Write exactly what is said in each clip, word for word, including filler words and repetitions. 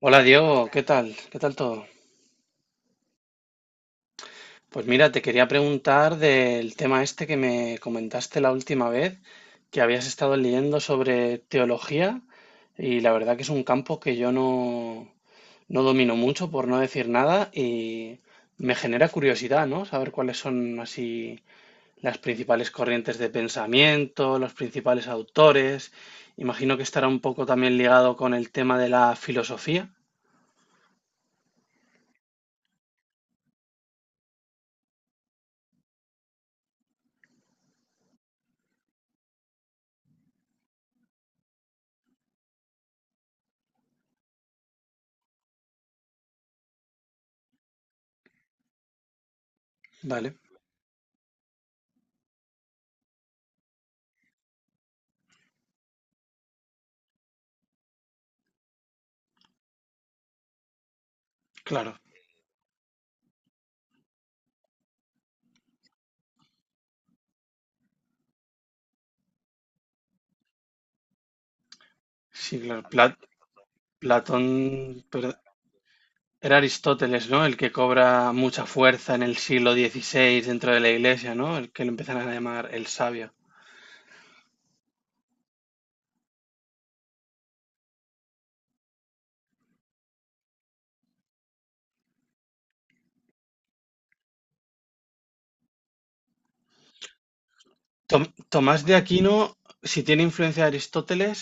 Hola Diego, ¿qué tal? ¿Qué tal todo? Pues mira, te quería preguntar del tema este que me comentaste la última vez, que habías estado leyendo sobre teología y la verdad que es un campo que yo no, no domino mucho, por no decir nada, y me genera curiosidad, ¿no? Saber cuáles son así las principales corrientes de pensamiento, los principales autores. Imagino que estará un poco también ligado con el tema de la filosofía. Vale, claro. Sí, claro. Platón, pero era Aristóteles, ¿no? El que cobra mucha fuerza en el siglo dieciséis dentro de la iglesia, ¿no? El que lo empiezan a llamar el sabio. Tom- Tomás de Aquino, si tiene influencia de Aristóteles,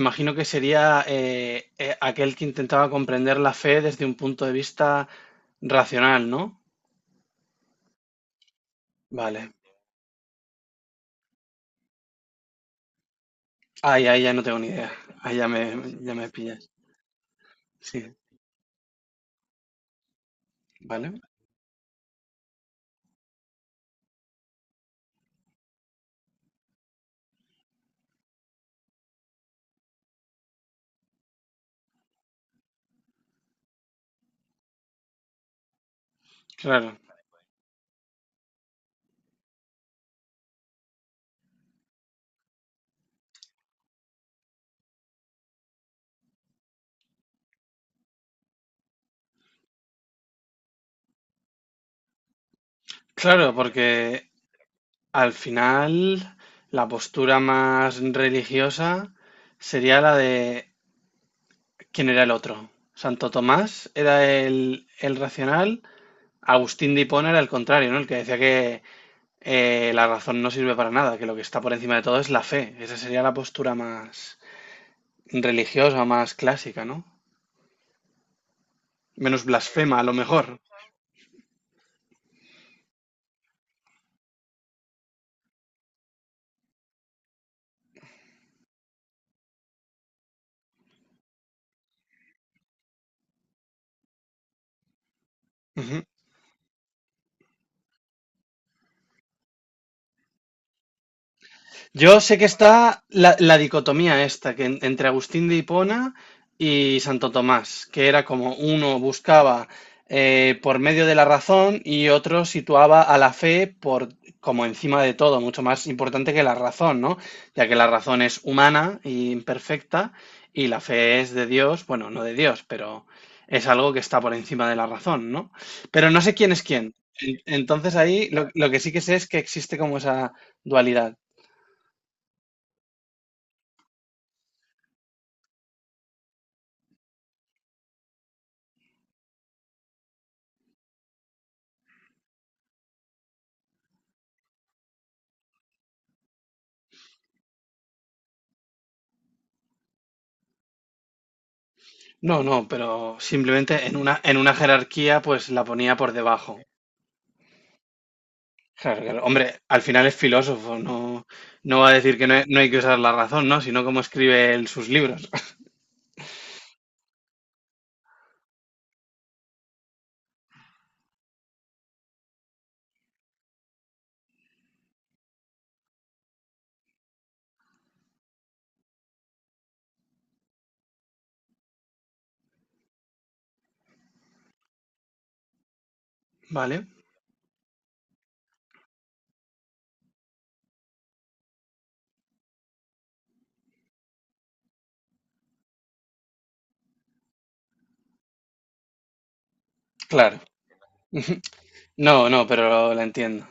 imagino que sería eh, eh, aquel que intentaba comprender la fe desde un punto de vista racional, ¿no? Vale. Ahí, ahí ya no tengo ni idea. Ahí ya me, ya me pillas. Sí, vale. Claro. Claro, porque al final, la postura más religiosa sería la de ¿quién era el otro? Santo Tomás era el, el racional, Agustín de Hipona era el contrario, ¿no? El que decía que eh, la razón no sirve para nada, que lo que está por encima de todo es la fe. Esa sería la postura más religiosa, más clásica, ¿no? Menos blasfema, a lo mejor. Yo sé que está la, la dicotomía esta, que en- entre Agustín de Hipona y Santo Tomás, que era como uno buscaba eh, por medio de la razón y otro situaba a la fe por como encima de todo, mucho más importante que la razón, ¿no? Ya que la razón es humana e imperfecta y la fe es de Dios, bueno, no de Dios, pero es algo que está por encima de la razón, ¿no? Pero no sé quién es quién. En- Entonces ahí lo lo que sí que sé es que existe como esa dualidad. No, no, pero simplemente en una, en una jerarquía pues la ponía por debajo. Claro, claro. Hombre, al final es filósofo, no, no va a decir que no hay, no hay que usar la razón, ¿no? Sino cómo escribe él sus libros. Vale, claro. No, no, pero la entiendo.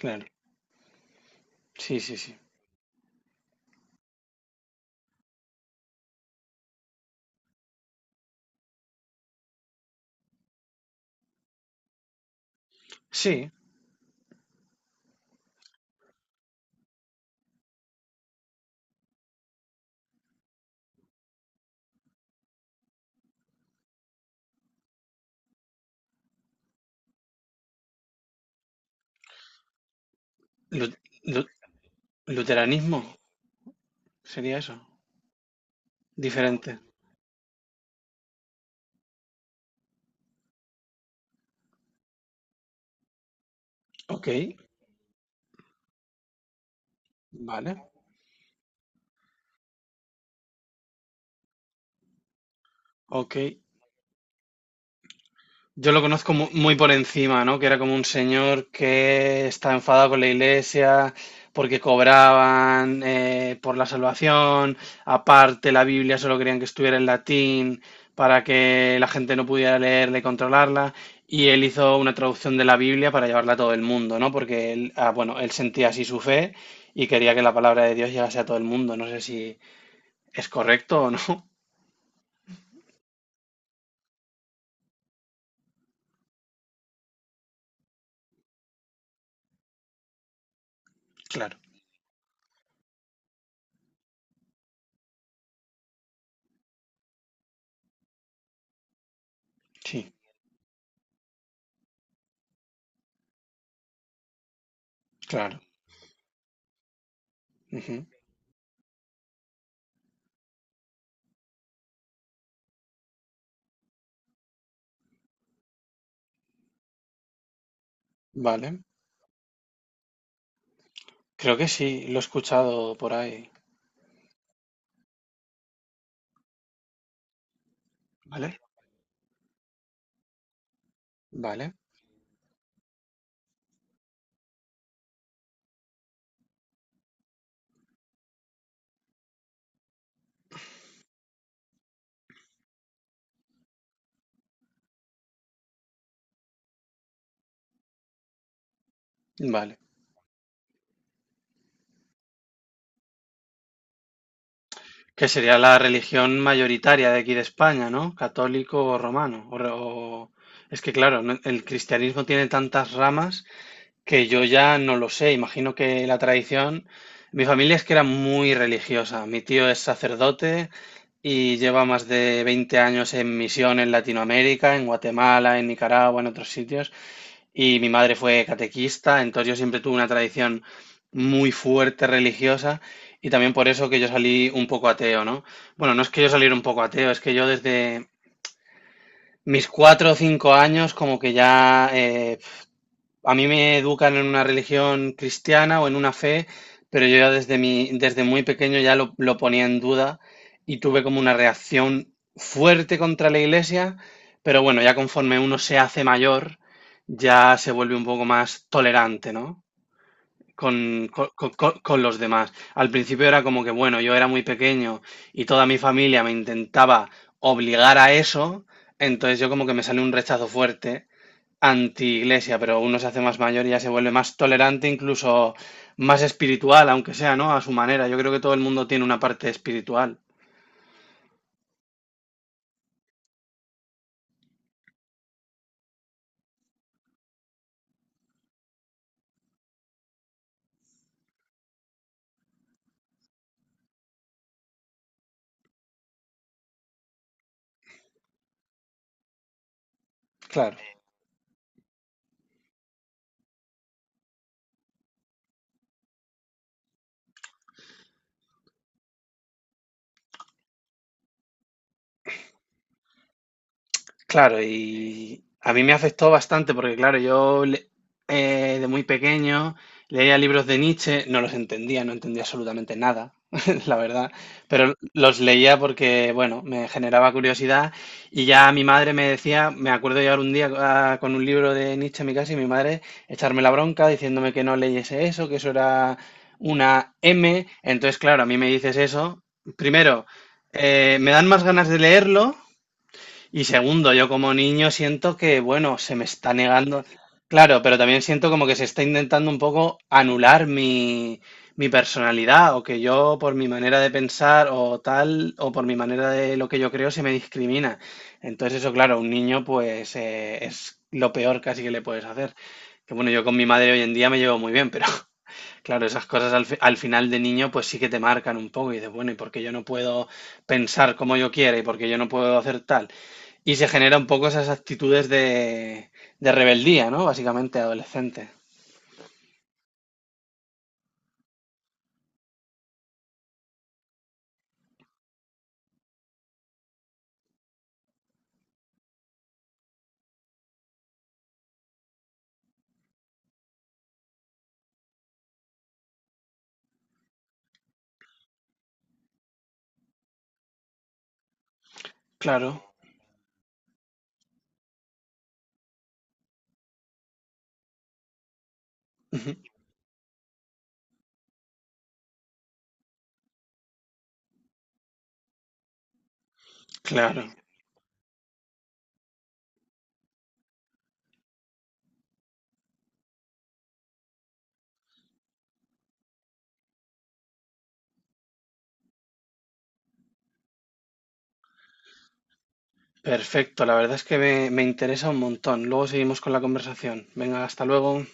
Claro. Sí, sí, sí. Sí, lu- lu- luteranismo sería eso. Diferente. Ok, vale. Ok. Yo lo conozco mu- muy por encima, ¿no? Que era como un señor que estaba enfadado con la iglesia porque cobraban eh, por la salvación. Aparte, la Biblia solo querían que estuviera en latín para que la gente no pudiera leerla y controlarla. Y él hizo una traducción de la Biblia para llevarla a todo el mundo, ¿no? Porque él, ah, bueno, él sentía así su fe y quería que la palabra de Dios llegase a todo el mundo. No sé si es correcto o no. Claro, sí, claro. Ujú, vale. Creo que sí, lo he escuchado por ahí. Vale, vale, vale. Que sería la religión mayoritaria de aquí de España, ¿no? Católico o romano. o re- o- Es que claro, no- el cristianismo tiene tantas ramas que yo ya no lo sé. Imagino que la tradición... Mi familia es que era muy religiosa. Mi tío es sacerdote y lleva más de veinte años en misión en Latinoamérica, en Guatemala, en Nicaragua, en otros sitios. Y mi madre fue catequista, entonces yo siempre tuve una tradición muy fuerte religiosa y también por eso que yo salí un poco ateo, ¿no? Bueno, no es que yo saliera un poco ateo, es que yo desde mis cuatro o cinco años como que ya eh, a mí me educan en una religión cristiana o en una fe, pero yo ya desde mi, desde muy pequeño ya lo, lo ponía en duda y tuve como una reacción fuerte contra la iglesia, pero bueno, ya conforme uno se hace mayor, ya se vuelve un poco más tolerante, ¿no? Con, con- con- con- con los demás. Al principio era como que, bueno, yo era muy pequeño y toda mi familia me intentaba obligar a eso, entonces yo como que me salió un rechazo fuerte anti-iglesia, pero uno se hace más mayor y ya se vuelve más tolerante, incluso más espiritual, aunque sea, ¿no? A su manera. Yo creo que todo el mundo tiene una parte espiritual. Claro. Claro, y a mí me afectó bastante porque, claro, yo le- eh, de muy pequeño leía libros de Nietzsche, no los entendía, no entendía absolutamente nada, la verdad, pero los leía porque, bueno, me generaba curiosidad y ya mi madre me decía, me acuerdo llegar un día ah, con un libro de Nietzsche en mi casa y mi madre echarme la bronca diciéndome que no leyese eso, que eso era una M, entonces, claro, a mí me dices eso, primero, eh, me dan más ganas de leerlo. Y segundo, yo como niño siento que, bueno, se me está negando. Claro, pero también siento como que se está intentando un poco anular mi, mi personalidad, o que yo por mi manera de pensar o tal, o por mi manera de lo que yo creo, se me discrimina. Entonces eso, claro, a un niño pues eh, es lo peor casi que le puedes hacer. Que bueno, yo con mi madre hoy en día me llevo muy bien, pero claro, esas cosas al, fi- al final de niño pues sí que te marcan un poco y dices, bueno, ¿y por qué yo no puedo pensar como yo quiera? ¿Y por qué yo no puedo hacer tal? Y se genera un poco esas actitudes de, de rebeldía, ¿no? Básicamente adolescente. Claro, ujú, claro. Perfecto, la verdad es que me, me interesa un montón. Luego seguimos con la conversación. Venga, hasta luego.